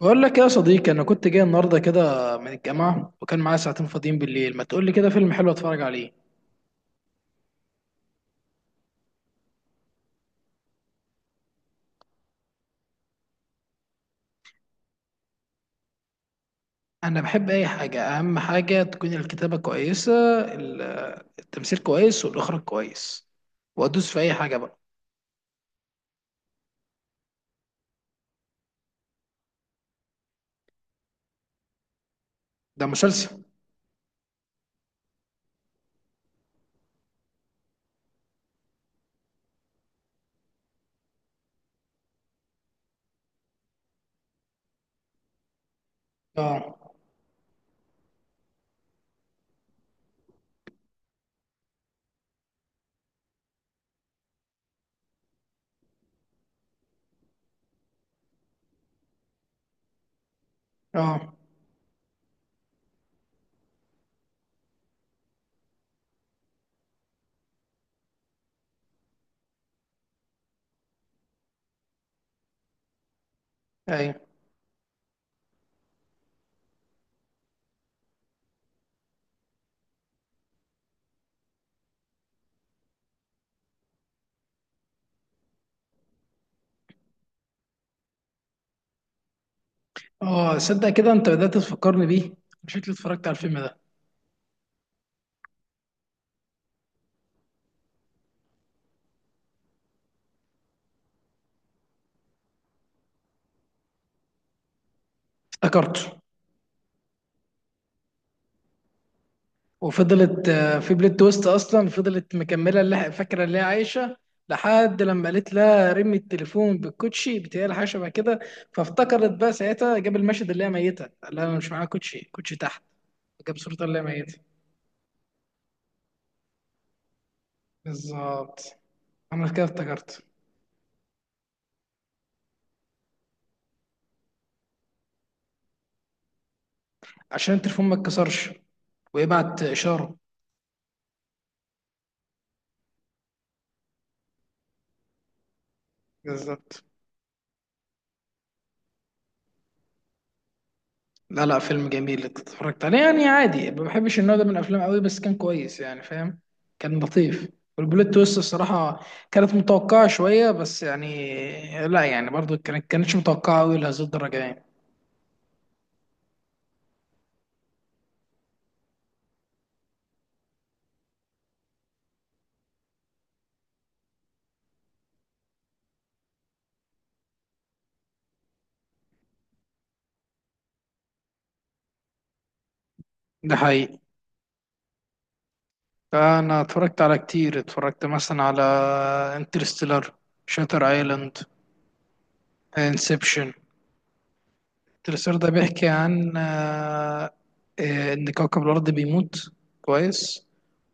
بقول لك يا صديقي، انا كنت جاي النهارده كده من الجامعه، وكان معايا ساعتين فاضيين بالليل. ما تقول لي كده فيلم حلو اتفرج عليه؟ انا بحب اي حاجه، اهم حاجه تكون الكتابه كويسه، ال- التمثيل كويس والاخراج كويس، وادوس في اي حاجه بقى. ده مسلسل. اه. اه. ايوه. اه، صدق كده، انت بدات تفكرني بيه. شكلي اتفرجت على الفيلم ده. افتكرته. وفضلت في بلوت تويست، اصلا فضلت مكمله، اللي فاكره اللي هي عايشه، لحد لما قالت لها رمي التليفون بالكوتشي. بتهيألي حاجه شبه كده. فافتكرت بقى ساعتها، جاب المشهد اللي هي ميته، قال لها انا مش معايا كوتشي، كوتشي تحت. جاب صورتها اللي هي ميته. بالظبط. انا كده افتكرت. عشان التليفون ما اتكسرش ويبعت اشاره. بالظبط. لا لا، فيلم جميل. انت اتفرجت عليه يعني عادي، ما بحبش النوع ده من الافلام قوي، بس كان كويس يعني، فاهم. كان لطيف. والبلوت تويست الصراحه كانت متوقعه شويه، بس يعني لا، يعني برضو كانتش متوقعه قوي لهذه الدرجه يعني. ده حقيقي. فانا اتفرجت على كتير، اتفرجت مثلا على انترستيلر، شاتر ايلاند، انسبشن. التلسير ده بيحكي عن إن كوكب الأرض بيموت. كويس.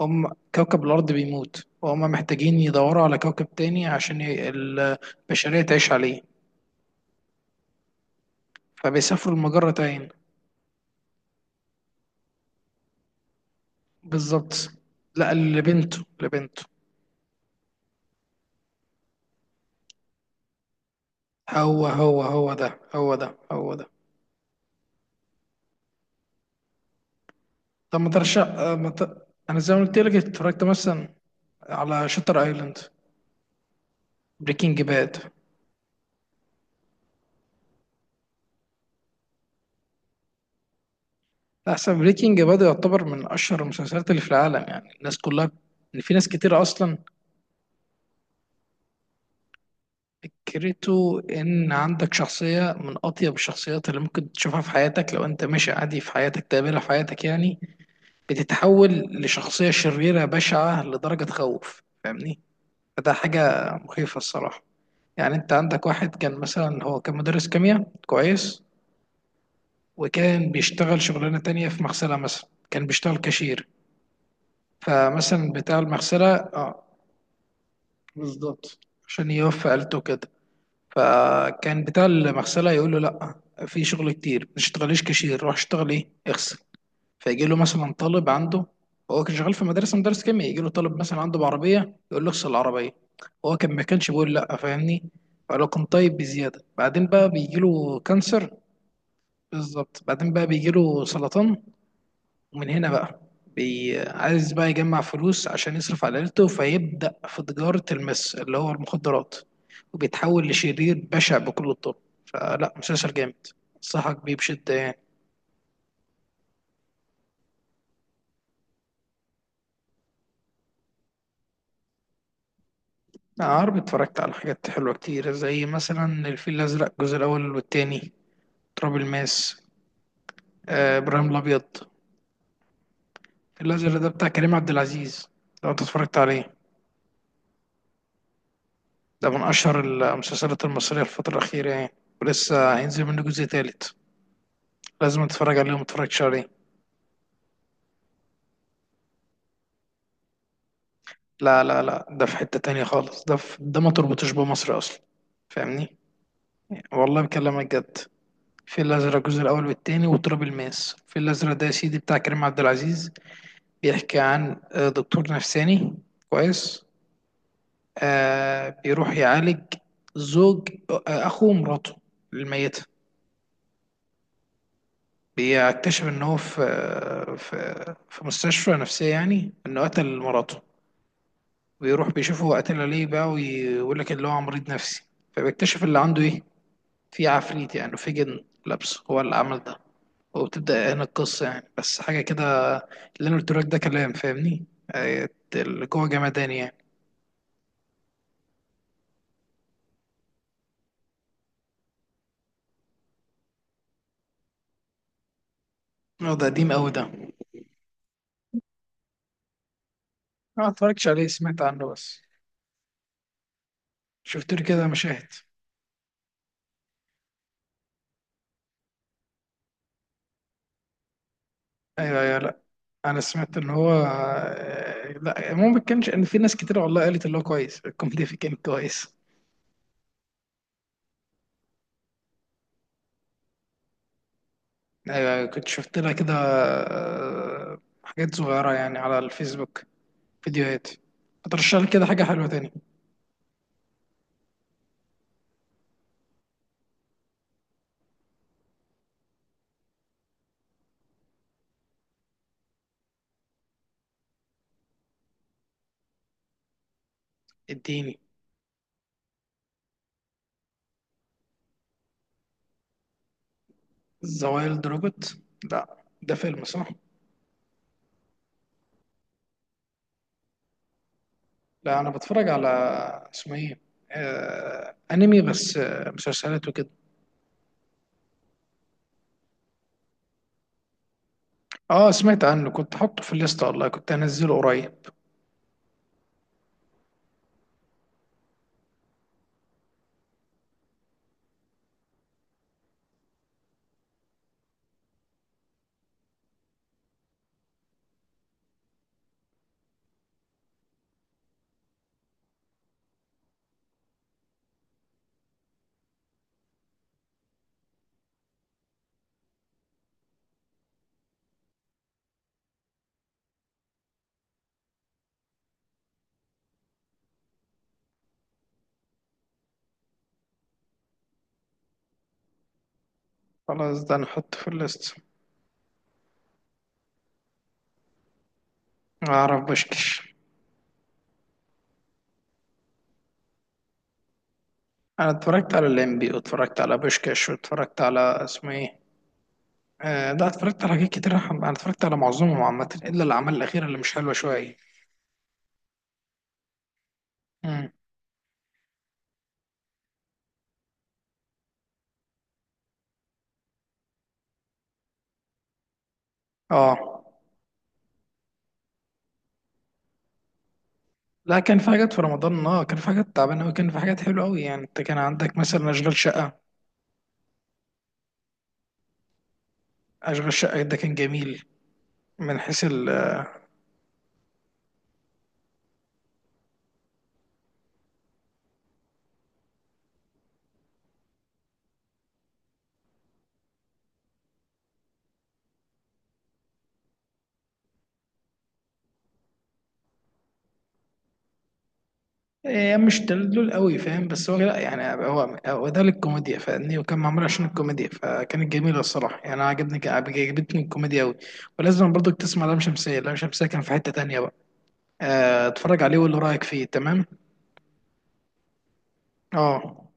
هم كوكب الأرض بيموت، وهم محتاجين يدوروا على كوكب تاني عشان البشرية تعيش عليه. فبيسافروا لمجرة تاني. بالظبط. لا، لبنته. هو ده، هو ده، هو ده. طب ما ترشح، آه، ما ت... أنا زي ما قلت لك اتفرجت مثلا على شاتر ايلاند، بريكنج باد. لا، احسن، بريكنج باد يعتبر من اشهر المسلسلات اللي في العالم يعني، الناس كلها. ان في ناس كتير اصلا. فكرته ان عندك شخصيه من اطيب الشخصيات اللي ممكن تشوفها في حياتك، لو انت ماشي عادي في حياتك تقابلها في حياتك يعني، بتتحول لشخصيه شريره بشعه لدرجه تخوف، فاهمني. فده حاجه مخيفه الصراحه. يعني انت عندك واحد، كان مثلا هو كان مدرس كيمياء كويس، وكان بيشتغل شغلانه تانية في مغسله، مثلا كان بيشتغل كاشير. فمثلا بتاع المغسله بالظبط عشان يوفي عيلته كده. فكان بتاع المغسله يقول له لا، في شغل كتير، ما تشتغليش كاشير، روح اشتغل ايه، اغسل. فيجي له مثلا طالب عنده. هو كان شغال في مدرسه مدرس كيمياء، يجي له طالب مثلا عنده بعربيه، يقول له اغسل العربيه. هو كان ما كانش بيقول لا، فاهمني. فلو كان طيب بزياده، بعدين بقى بيجي له كانسر. بالظبط. بعدين بقى بيجي له سرطان. ومن هنا بقى عايز بقى يجمع فلوس عشان يصرف على عيلته، فيبدأ في تجارة المس اللي هو المخدرات، وبيتحول لشرير بشع بكل الطرق. فلا، مسلسل جامد، انصحك بيه بشدة يعني. لا، عربي اتفرجت على حاجات حلوة كتير، زي مثلا الفيل الأزرق الجزء الأول والتاني، تراب الماس، إبراهيم الأبيض. الفيل الأزرق ده بتاع كريم عبد العزيز، لو أنت اتفرجت عليه. ده من أشهر المسلسلات المصرية الفترة الأخيرة يعني. ولسه هينزل منه جزء تالت. لازم تتفرج عليه ومتتفرجش عليه. لا لا لا، ده في حتة تانية خالص. ده في ده ما تربطش بمصر أصلا، فاهمني. والله بكلمك جد. في الأزرق الجزء الأول والتاني وتراب الماس. في الأزرق ده يا سيدي بتاع كريم عبد العزيز، بيحكي عن دكتور نفساني. كويس. آه، بيروح يعالج زوج، أخو مراته الميتة. بيكتشف إن هو في آه، في في مستشفى نفسية، يعني إنه قتل مراته. بيروح بيشوفه، هو قتلها ليه بقى، ويقول لك اللي هو مريض نفسي. فبيكتشف اللي عنده ايه. في عفريت يعني، في جن لابسه هو اللي عمل ده. وبتبدأ هنا القصة يعني، بس حاجة كده اللي أنا قلتلك ده كلام، فاهمني. آه، اللي جوه جمدان يعني. اه، ده قديم أوي ده. أنا متفرجتش عليه، سمعت عنه بس. شفت له كده مشاهد. أيوه أيوه، لأ. أنا سمعت إن هو لأ، ما كانش، إن في ناس كتير والله قالت إن هو كويس، الكوميديا فيه كان كويس. أيوه أيوة، كنت شفت لها كده حاجات صغيرة يعني على الفيسبوك، فيديوهات. هترشح لي كده حاجة حلوة تاني؟ اديني. ذا وايلد روبوت؟ لا، ده فيلم صح. لا، انا بتفرج على اسمه ايه، انمي بس، مسلسلات وكده. اه، سمعت عنه، كنت حاطه في الليست والله، كنت هنزله قريب. خلاص، ده نحطه في الليست. اعرف بوشكش. انا اتفرجت على الليمبي، واتفرجت على بوشكش، واتفرجت على اسمه ايه. آه لا، اتفرجت على حاجات كتير. انا اتفرجت على معظمهم عامة، الا الاعمال الاخيرة اللي مش حلوة شوية. مم. اه لا، كان في حاجات في رمضان. اه، كان في حاجات تعبانه قوي، كان في حاجات حلوه قوي. يعني انت كان عندك مثلا اشغال شقه. اشغال شقه ده كان جميل من حيث ال إيه، مش تدلول قوي فاهم، بس هو لا يعني هو ده للكوميديا فاهمني، وكان معمول عشان الكوميديا، فكانت جميله الصراحه يعني. انا عجبتني الكوميديا قوي. ولازم برضك تسمع لام شمسيه. لام شمسيه كان في حته تانيه بقى. اتفرج عليه وقول له رايك فيه. تمام. اه،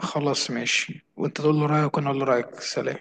خلاص ماشي، وانت تقول له رايك وانا اقول له رايك. سلام.